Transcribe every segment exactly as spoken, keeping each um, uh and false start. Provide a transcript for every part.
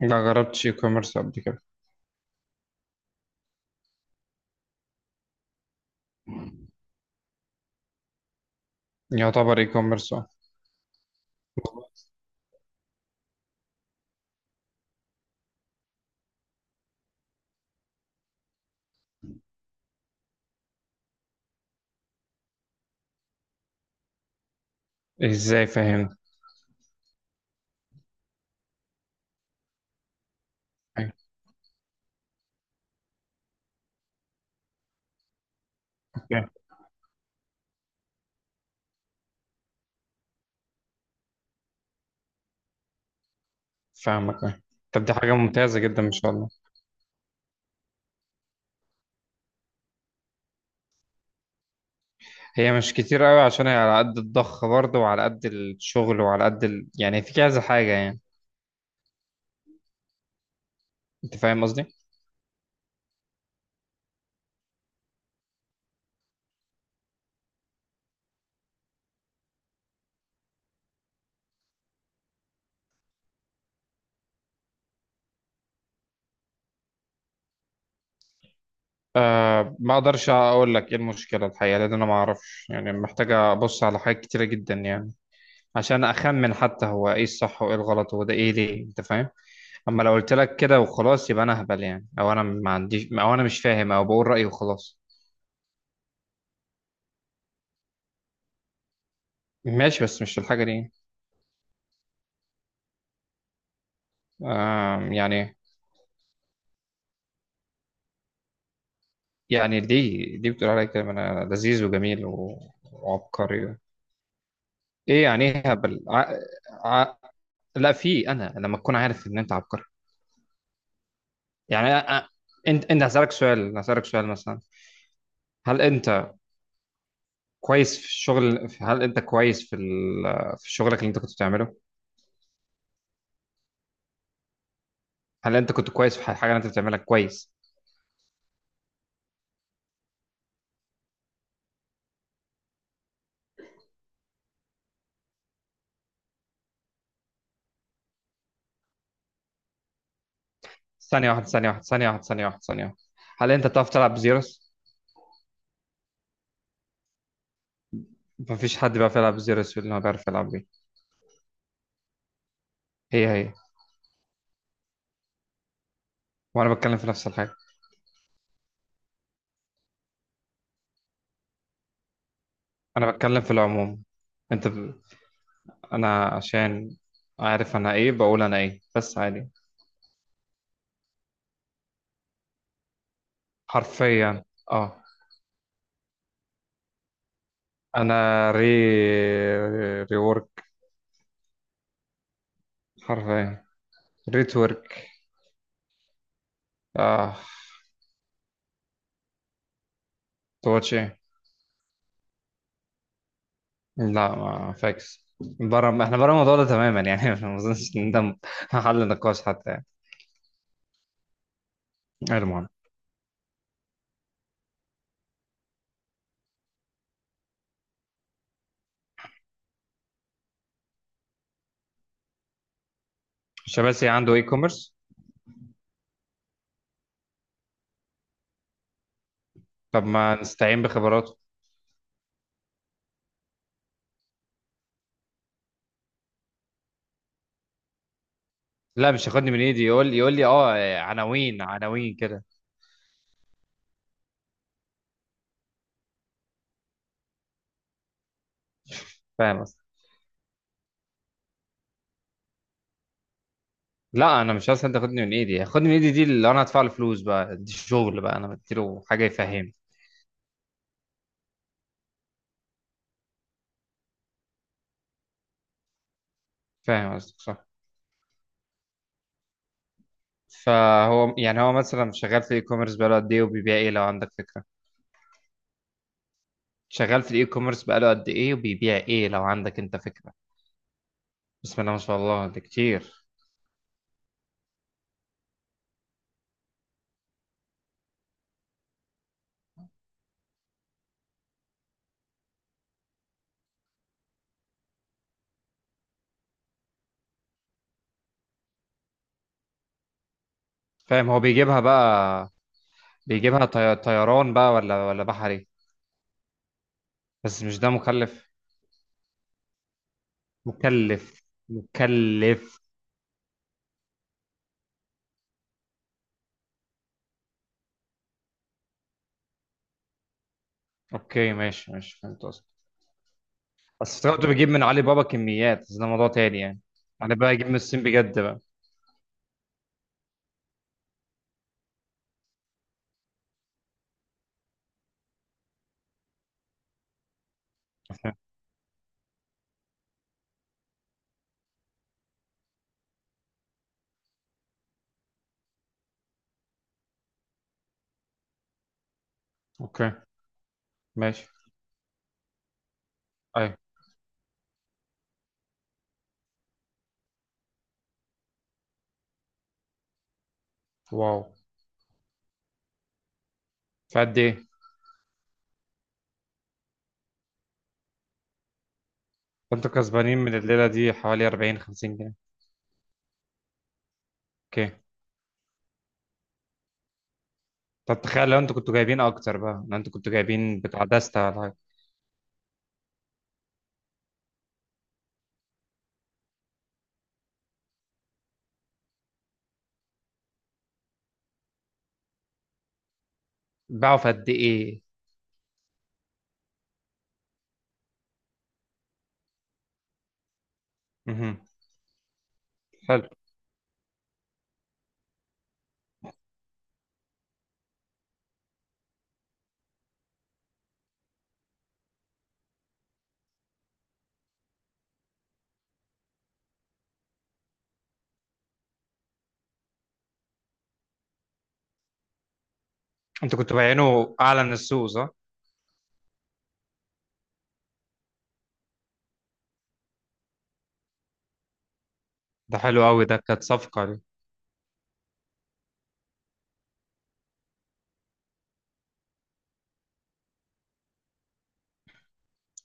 لا، جربتش اي كوميرس قبل كده. يعتبر اي كوميرس، اه. ازاي؟ فاهم؟ اوكي، فاهمك أه. طب، دي حاجة ممتازة جدا ما شاء الله. هي مش كتير قوي عشان هي على قد الضخ برضه وعلى قد الشغل وعلى قد ال... يعني في كذا حاجة يعني. انت فاهم قصدي. ما اقدرش اقول لك ايه المشكلة الحقيقة، لان انا ما اعرفش، يعني محتاجة ابص على حاجات كتيرة جدا يعني. عشان اخمن حتى هو ايه الصح وايه الغلط وده ايه ليه، انت فاهم؟ اما لو قلت لك كده وخلاص، يبقى انا اهبل يعني، او انا ما عنديش، او انا مش فاهم، او بقول رأيي وخلاص. ماشي، بس مش الحاجة دي. آم، يعني. يعني دي دي بتقول عليا كده انا لذيذ وجميل و- وعبقري. ايه يعني؟ ايه هبل؟ ع... ع... لا، في انا لما تكون عارف ان انت عبقري. يعني أ... أ- انت انت هسألك سؤال هسألك سؤال مثلا. هل انت كويس في الشغل؟ هل انت كويس في ال... في شغلك اللي انت كنت بتعمله؟ هل انت كنت كويس في الحاجة اللي انت بتعملها كويس؟ ثانية واحدة، ثانية واحدة، ثانية واحدة، ثانية واحدة، ثانية واحدة. هل انت بتعرف تلعب زيروس؟ مفيش حد بيعرف يلعب زيروس اللي هو بيعرف يلعب بيه. هي هي. وانا بتكلم في نفس الحاجه. انا بتكلم في العموم. انت ب... انا عشان عارف انا ايه، بقول انا ايه، بس عادي. حرفيا، اه. انا ري ريورك. حرفيا، ريتورك، اه. تواتش ايه؟ لا، ما فاكس. بره، احنا بره الموضوع ده تماما يعني. ما اظنش ان ده حل نقاش حتى يعني. المهم. شباسي عنده اي كوميرس؟ طب ما نستعين بخبراته. لا، مش هياخدني من ايدي يقول يقول لي اه عناوين عناوين كده. فاهم. لا، انا مش عايز حد ياخدني من ايدي، ياخدني من ايدي دي اللي انا هدفع له فلوس بقى، دي شغل بقى انا بديله حاجه يفهمني. فاهم قصدك، صح. فهو يعني هو مثلا شغال في الاي كوميرس بقاله قد ايه وبيبيع ايه، لو عندك فكره؟ شغال في الاي كوميرس بقاله قد ايه وبيبيع ايه، لو عندك انت فكره؟ بسم الله ما شاء الله، ده كتير. فاهم، هو بيجيبها بقى. بيجيبها طي... طيران بقى ولا ولا بحري؟ بس مش ده مكلف؟ مكلف، مكلف. اوكي، ماشي ماشي، فهمت قصدك. بس افتكرت بجيب من علي بابا كميات، بس ده موضوع تاني يعني. انا بقى اجيب من الصين بجد بقى. اوكي، ماشي، اي، واو، في قد ايه؟ كنتوا كسبانين من الليله دي حوالي أربعين خمسين جنيه. اوكي، طب تخيل لو انتوا كنتوا جايبين اكتر بقى، لو انتوا كنتوا جايبين بتاع دستة ولا حاجه. باعوا في قد ايه؟ مهم. حلو، انتوا كنتوا بايعينه اعلى من السوق صح؟ ده حلو قوي، ده كانت صفقه دي.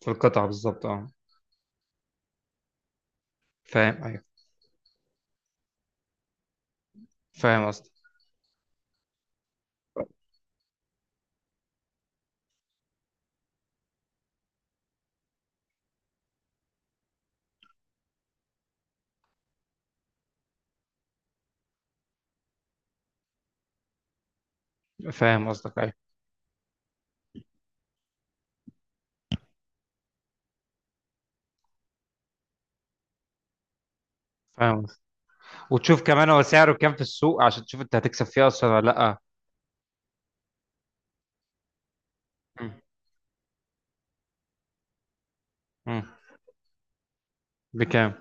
في القطعه بالظبط اه. فاهم، ايوه. فاهم قصدك. فاهم قصدك، ايوه، فاهم. وتشوف كمان هو سعره كام في السوق، عشان تشوف انت هتكسب فيه اصلا ولا لا. مم. مم. بكام؟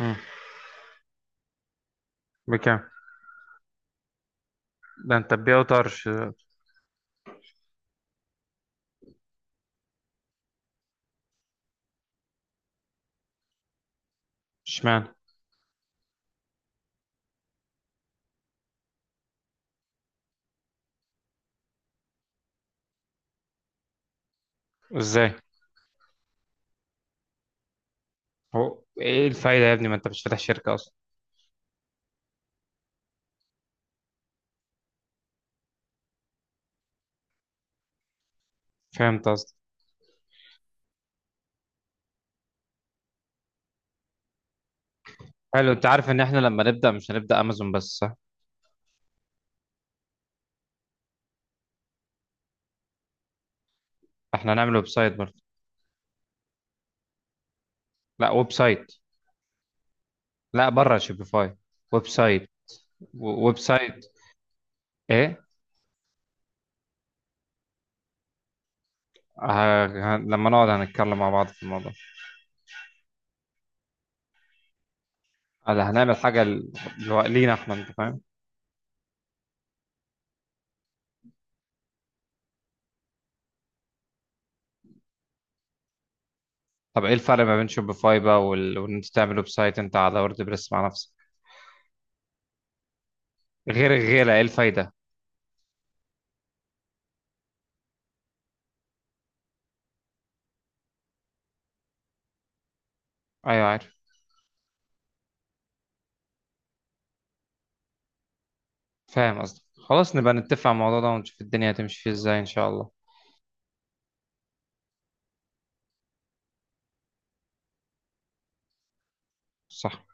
مم. بكام؟ ده انت تبيعه طرش. اشمعنى؟ ازاي؟ هو ايه الفايده يا ابني؟ ما انت مش فاتح شركه اصلا. فهمت قصدي؟ حلو، انت عارف ان احنا لما نبدا مش هنبدا امازون بس، صح؟ احنا هنعمل ويب سايت برضه. لا، ويب سايت. لا، بره شوبيفاي. ويب سايت. و- ويب سايت. ايه؟ ه... ه... لما نقعد هنتكلم مع بعض في الموضوع. هلا هنعمل حاجه ل... لو- لينا احنا، انت فاهم؟ طب ايه الفرق ما بين شوبيفاي بقى وال... وان انت تعمل ويب سايت انت على ووردبريس مع نفسك؟ غير الغيره، ايه الفايده؟ ايوه عارف. فاهم قصدك، خلاص نبقى نتفق على الموضوع ده ونشوف الدنيا هتمشي فيه ازاي ان شاء الله. صح.